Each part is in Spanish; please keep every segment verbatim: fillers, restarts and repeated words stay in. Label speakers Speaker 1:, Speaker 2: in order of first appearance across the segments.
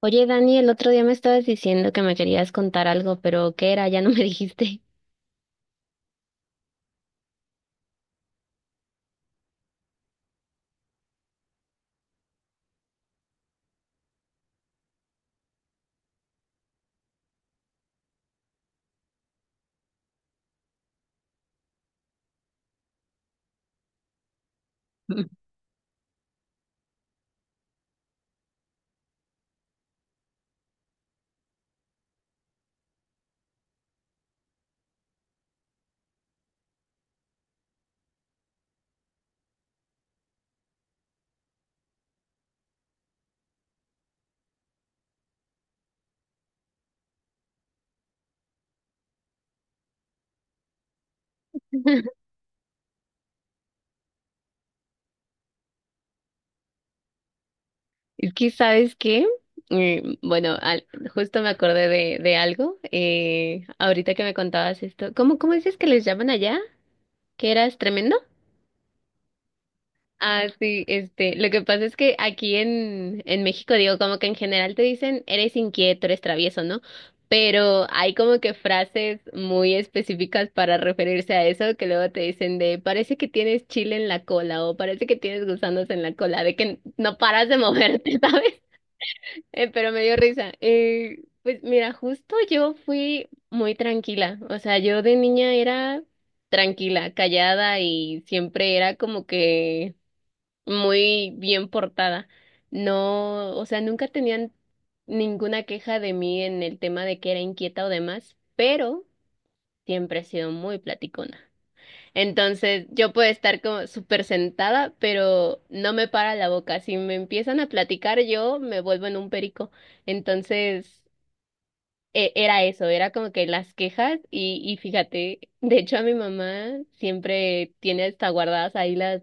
Speaker 1: Oye, Dani, el otro día me estabas diciendo que me querías contar algo, pero ¿qué era? Ya no me dijiste. Es que, ¿sabes qué? Eh, bueno, al- Justo me acordé de, de algo. Eh, ahorita que me contabas esto, ¿cómo, cómo dices que les llaman allá? ¿Que eras tremendo? Ah, sí, este, lo que pasa es que aquí en, en México, digo, como que en general te dicen, eres inquieto, eres travieso, ¿no? Pero hay como que frases muy específicas para referirse a eso, que luego te dicen de, parece que tienes chile en la cola o parece que tienes gusanos en la cola, de que no paras de moverte, ¿sabes? Eh, pero me dio risa. Eh, pues mira, justo yo fui muy tranquila, o sea, yo de niña era tranquila, callada y siempre era como que muy bien portada. No, o sea, nunca tenían ninguna queja de mí en el tema de que era inquieta o demás, pero siempre he sido muy platicona. Entonces, yo puedo estar como súper sentada, pero no me para la boca. Si me empiezan a platicar, yo me vuelvo en un perico. Entonces, e- era eso, era como que las quejas y, y fíjate, de hecho a mi mamá siempre tiene hasta guardadas ahí las,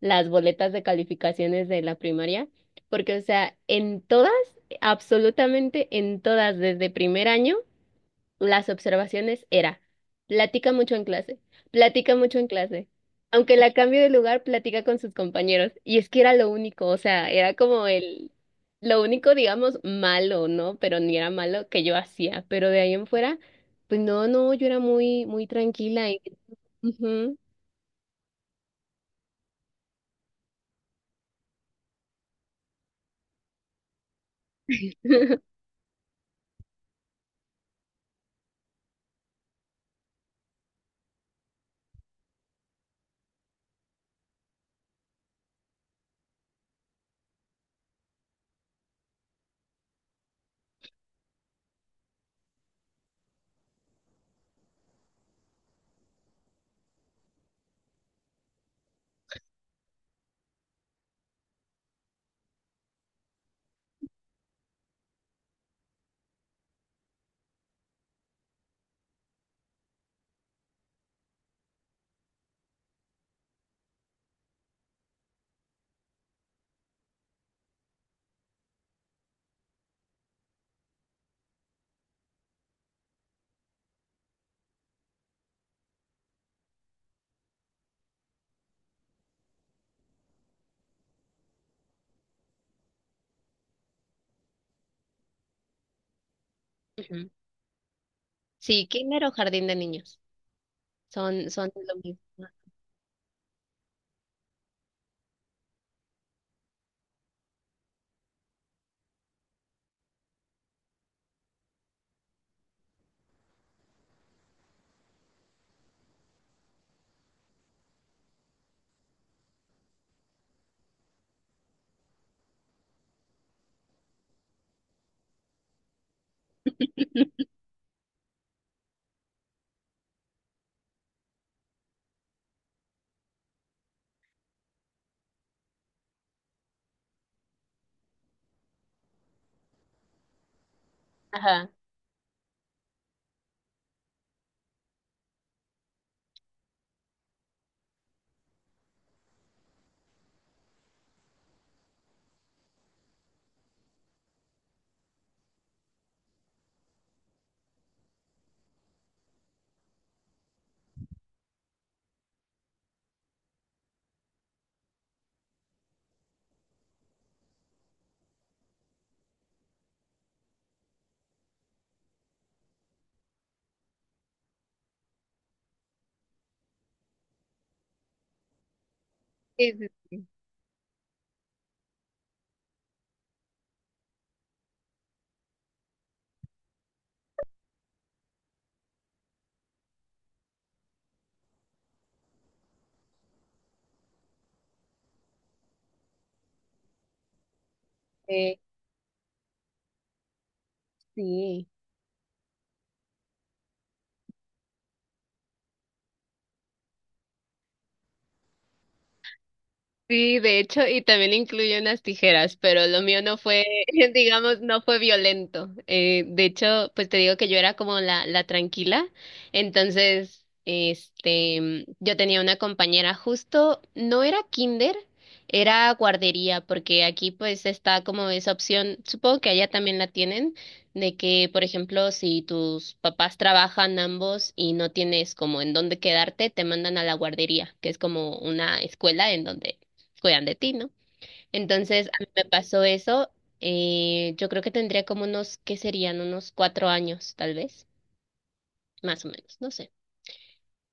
Speaker 1: las boletas de calificaciones de la primaria, porque o sea, en todas, absolutamente en todas, desde primer año las observaciones era, platica mucho en clase, platica mucho en clase. Aunque la cambie de lugar, platica con sus compañeros. Y es que era lo único, o sea, era como el, lo único, digamos, malo, ¿no? Pero ni era malo que yo hacía. Pero de ahí en fuera, pues no, no, yo era muy, muy tranquila y... Ujú. Ujú. Sí, kinder o jardín de niños. Son, son lo mismo. Ajá. Sí, sí, sí. Sí, de hecho, y también incluye unas tijeras, pero lo mío no fue, digamos, no fue violento. Eh, de hecho, pues te digo que yo era como la, la tranquila. Entonces, este, yo tenía una compañera justo, no era kinder, era guardería, porque aquí pues está como esa opción, supongo que allá también la tienen, de que, por ejemplo, si tus papás trabajan ambos y no tienes como en dónde quedarte, te mandan a la guardería, que es como una escuela en donde cuidan de ti, ¿no? Entonces, a mí me pasó eso. Eh, yo creo que tendría como unos, ¿qué serían? Unos cuatro años, tal vez, más o menos, no sé.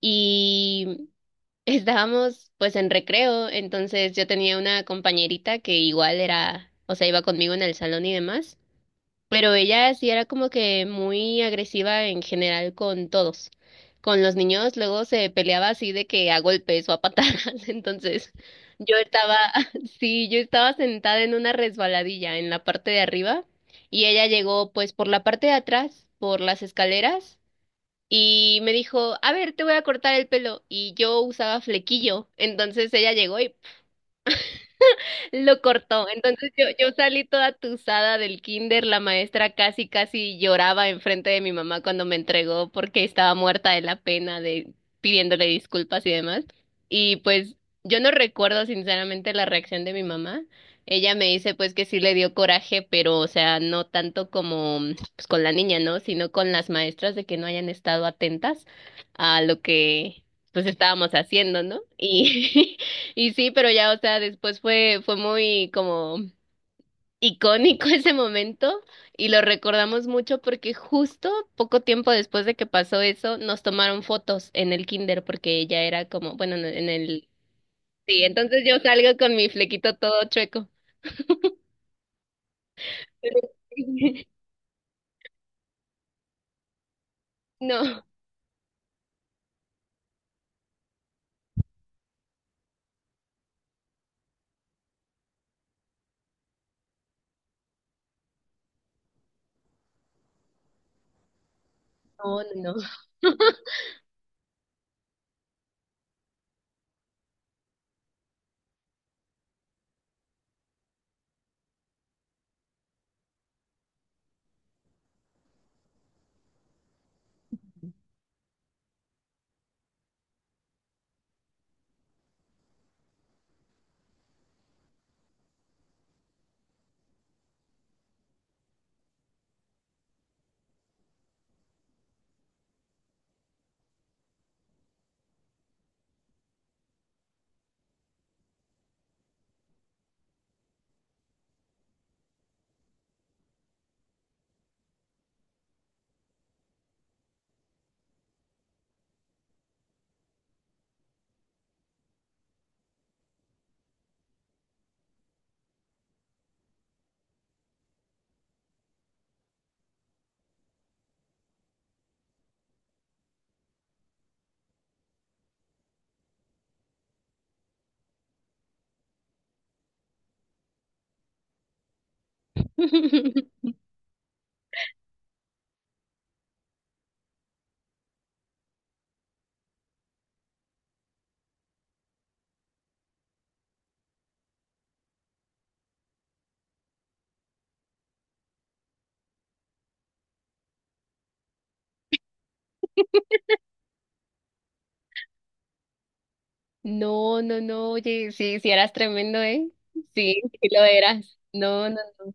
Speaker 1: Y estábamos pues en recreo, entonces yo tenía una compañerita que igual era, o sea, iba conmigo en el salón y demás. Pero ella sí era como que muy agresiva en general con todos. Con los niños luego se peleaba así de que a golpes o a patadas. Entonces yo estaba, sí, yo estaba sentada en una resbaladilla en la parte de arriba y ella llegó pues por la parte de atrás, por las escaleras y me dijo, a ver, te voy a cortar el pelo. Y yo usaba flequillo. Entonces ella llegó y lo cortó. Entonces yo, yo salí toda tusada del kinder. La maestra casi, casi lloraba enfrente de mi mamá cuando me entregó porque estaba muerta de la pena de pidiéndole disculpas y demás. Y pues yo no recuerdo sinceramente la reacción de mi mamá. Ella me dice pues que sí le dio coraje, pero o sea, no tanto como pues, con la niña, ¿no? Sino con las maestras de que no hayan estado atentas a lo que pues estábamos haciendo, ¿no? Y Y sí, pero ya, o sea, después fue, fue muy como icónico ese momento y lo recordamos mucho porque justo poco tiempo después de que pasó eso, nos tomaron fotos en el kinder porque ella era como, bueno, no, en el... Sí, entonces yo salgo con mi flequito todo chueco. No, no, no, no. No, no, no, oye, sí, sí eras tremendo, ¿eh? Sí, sí lo eras. No, no, no.